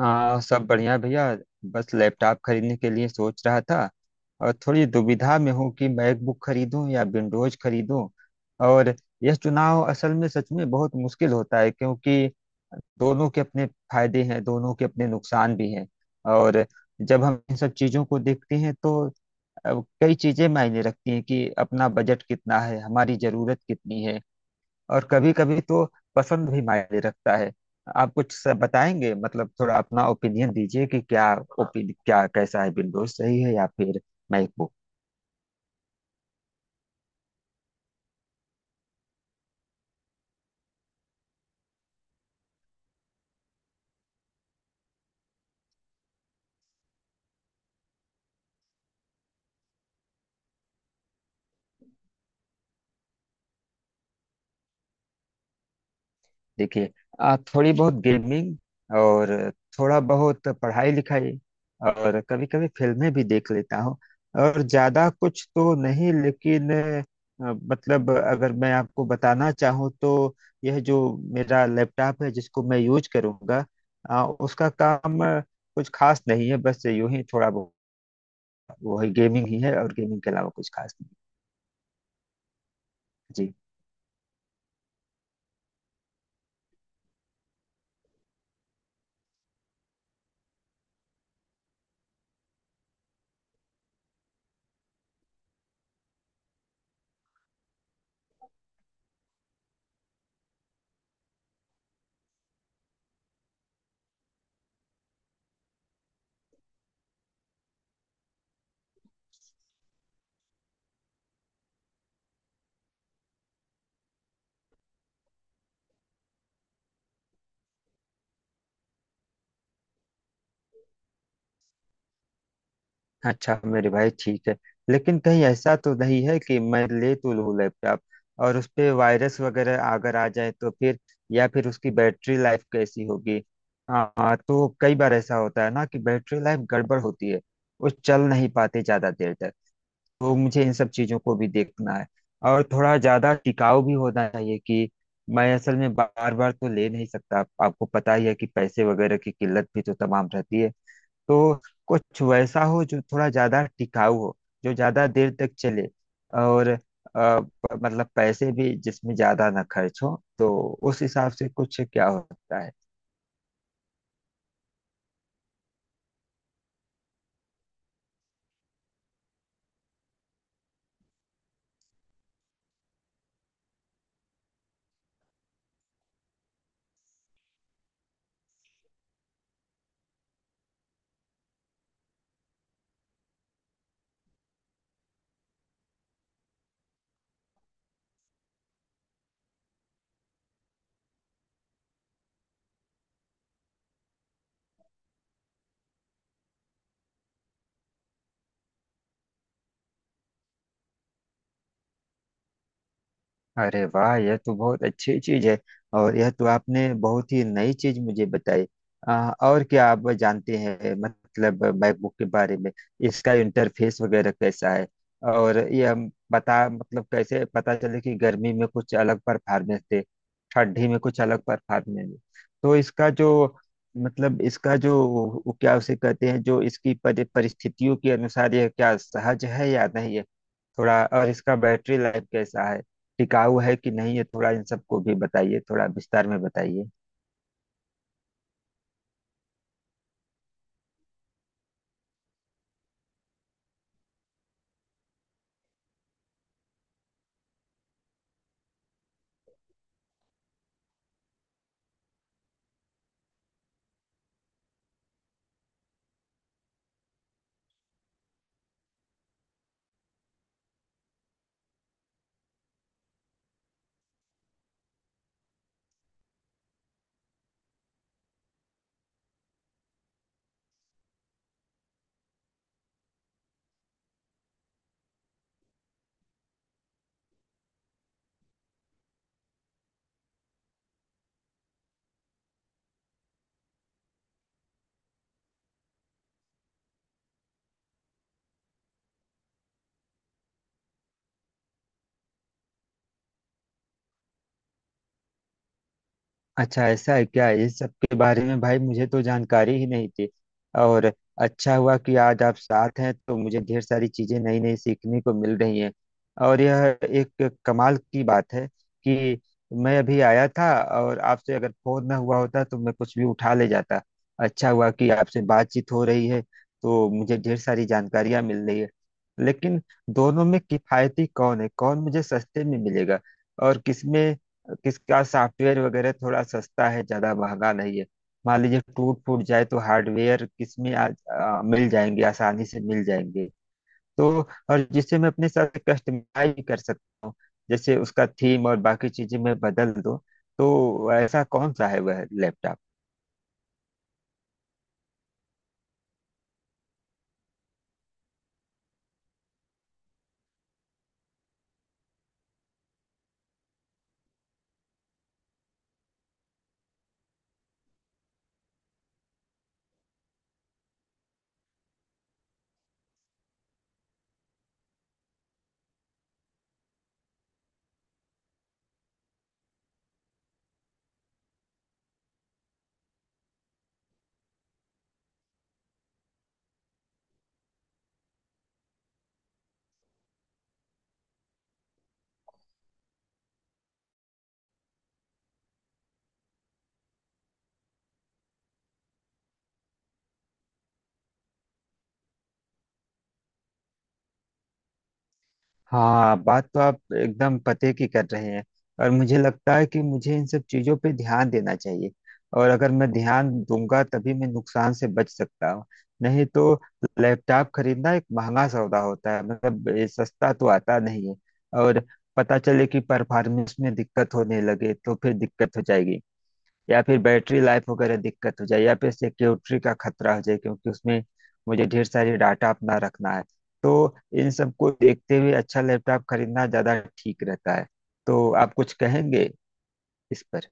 सब बढ़िया भैया। बस लैपटॉप खरीदने के लिए सोच रहा था और थोड़ी दुविधा में हूँ कि मैकबुक खरीदूं या विंडोज खरीदूं। और यह चुनाव असल में सच में बहुत मुश्किल होता है क्योंकि दोनों के अपने फायदे हैं, दोनों के अपने नुकसान भी हैं। और जब हम इन सब चीज़ों को देखते हैं तो अ, कई चीज़ें मायने रखती हैं कि अपना बजट कितना है, हमारी ज़रूरत कितनी है। और कभी कभी तो पसंद भी मायने रखता है। आप कुछ बताएंगे, मतलब थोड़ा अपना ओपिनियन दीजिए कि क्या ओपिन क्या कैसा है, विंडोज सही है या फिर मैकबुक। देखिए, आप थोड़ी बहुत गेमिंग और थोड़ा बहुत पढ़ाई लिखाई और कभी कभी फिल्में भी देख लेता हूँ। और ज्यादा कुछ तो नहीं लेकिन मतलब अगर मैं आपको बताना चाहूँ तो यह जो मेरा लैपटॉप है जिसको मैं यूज करूँगा उसका काम कुछ खास नहीं है, बस यूं ही थोड़ा बहुत वही गेमिंग ही है। और गेमिंग के अलावा कुछ खास नहीं। जी, अच्छा मेरे भाई ठीक है। लेकिन कहीं ऐसा तो नहीं है कि मैं ले तो लूँ लैपटॉप और उस पे वायरस वगैरह अगर आ जाए तो फिर? या फिर उसकी बैटरी लाइफ कैसी होगी? हाँ, तो कई बार ऐसा होता है ना कि बैटरी लाइफ गड़बड़ होती है, वो चल नहीं पाते ज़्यादा देर तक। तो मुझे इन सब चीज़ों को भी देखना है। और थोड़ा ज़्यादा टिकाऊ भी होना चाहिए कि मैं असल में बार बार तो ले नहीं सकता, आपको पता ही है कि पैसे वगैरह की किल्लत भी तो तमाम रहती है। तो कुछ वैसा हो जो थोड़ा ज्यादा टिकाऊ हो, जो ज्यादा देर तक चले। और अ, मतलब पैसे भी जिसमें ज्यादा ना खर्च हो, तो उस हिसाब से कुछ क्या होता है? अरे वाह, यह तो बहुत अच्छी चीज है। और यह तो आपने बहुत ही नई चीज मुझे बताई। और क्या आप जानते हैं, मतलब मैकबुक के बारे में, इसका इंटरफेस वगैरह कैसा है? और यह बता, मतलब कैसे पता चले कि गर्मी में कुछ अलग परफॉर्मेंस दे, ठंडी में कुछ अलग परफॉर्मेंस दे। तो इसका जो, मतलब इसका जो वो क्या उसे कहते हैं, जो इसकी परिस्थितियों के अनुसार यह क्या सहज है या नहीं है। थोड़ा और इसका बैटरी लाइफ कैसा है, टिकाऊ है कि नहीं, ये थोड़ा इन सबको भी बताइए, थोड़ा विस्तार में बताइए। अच्छा, ऐसा है क्या? इस सब के बारे में भाई मुझे तो जानकारी ही नहीं थी। और अच्छा हुआ कि आज आप साथ हैं तो मुझे ढेर सारी चीजें नई नई सीखने को मिल रही हैं। और यह एक कमाल की बात है कि मैं अभी आया था और आपसे अगर फोन ना हुआ होता तो मैं कुछ भी उठा ले जाता। अच्छा हुआ कि आपसे बातचीत हो रही है तो मुझे ढेर सारी जानकारियां मिल रही है। लेकिन दोनों में किफायती कौन है, कौन मुझे सस्ते में मिलेगा? और किसमें, किसका सॉफ्टवेयर वगैरह थोड़ा सस्ता है, ज्यादा महंगा नहीं है? मान लीजिए टूट फूट जाए तो हार्डवेयर किसमें आ, आ, मिल जाएंगे, आसानी से मिल जाएंगे? तो, और जिससे मैं अपने साथ कस्टमाइज भी कर सकता हूँ, जैसे उसका थीम और बाकी चीजें मैं बदल दूँ, तो ऐसा कौन सा है वह लैपटॉप? हाँ, बात तो आप एकदम पते की कर रहे हैं। और मुझे लगता है कि मुझे इन सब चीजों पे ध्यान देना चाहिए, और अगर मैं ध्यान दूंगा तभी मैं नुकसान से बच सकता हूँ। नहीं तो लैपटॉप खरीदना एक महंगा सौदा होता है, मतलब ये सस्ता तो आता नहीं है। और पता चले कि परफॉर्मेंस में दिक्कत होने लगे तो फिर दिक्कत हो जाएगी, या फिर बैटरी लाइफ वगैरह दिक्कत हो जाए, या फिर सिक्योरिटी का खतरा हो जाए, क्योंकि उसमें मुझे ढेर सारी डाटा अपना रखना है। तो इन सबको देखते हुए अच्छा लैपटॉप खरीदना ज़्यादा ठीक रहता है। तो आप कुछ कहेंगे इस पर?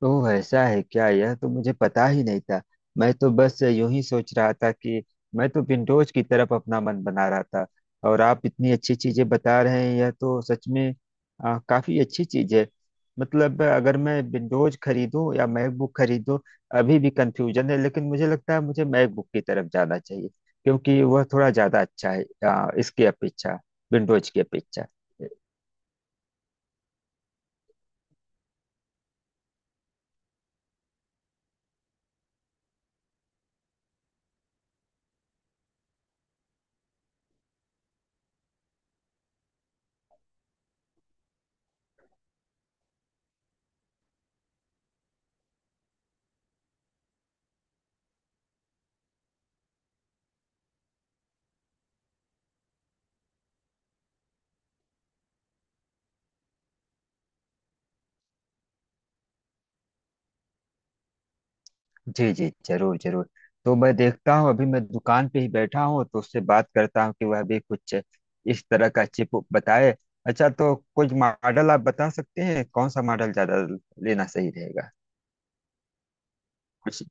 तो ऐसा है क्या? यह तो मुझे पता ही नहीं था। मैं तो बस यूं ही सोच रहा था कि मैं तो विंडोज की तरफ अपना मन बना रहा था, और आप इतनी अच्छी चीजें बता रहे हैं, यह तो सच में काफी अच्छी चीज है। मतलब अगर मैं विंडोज खरीदूं या मैकबुक खरीदूं, अभी भी कंफ्यूजन है, लेकिन मुझे लगता है मुझे मैकबुक की तरफ जाना चाहिए, क्योंकि वह थोड़ा ज्यादा अच्छा है इसकी अपेक्षा, विंडोज की अपेक्षा। जी जी, जरूर जरूर। तो मैं देखता हूँ, अभी मैं दुकान पे ही बैठा हूँ तो उससे बात करता हूँ कि वह भी कुछ इस तरह का चिप बताए। अच्छा, तो कुछ मॉडल आप बता सकते हैं, कौन सा मॉडल ज्यादा लेना सही रहेगा? कुछ?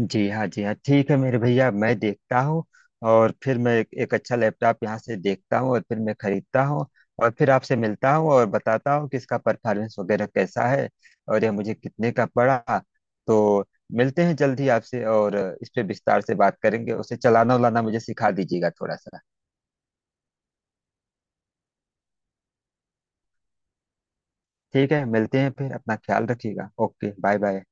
जी हाँ, जी हाँ, ठीक है मेरे भैया, मैं देखता हूँ। और फिर मैं एक अच्छा लैपटॉप यहाँ से देखता हूँ और फिर मैं खरीदता हूँ। और फिर आपसे मिलता हूँ और बताता हूँ कि इसका परफॉर्मेंस वगैरह कैसा है, और यह मुझे कितने का पड़ा। तो मिलते हैं जल्द ही आपसे, और इस पे विस्तार से बात करेंगे। उसे चलाना उलाना मुझे सिखा दीजिएगा थोड़ा सा। ठीक है, मिलते हैं फिर, अपना ख्याल रखिएगा। Okay, bye bye.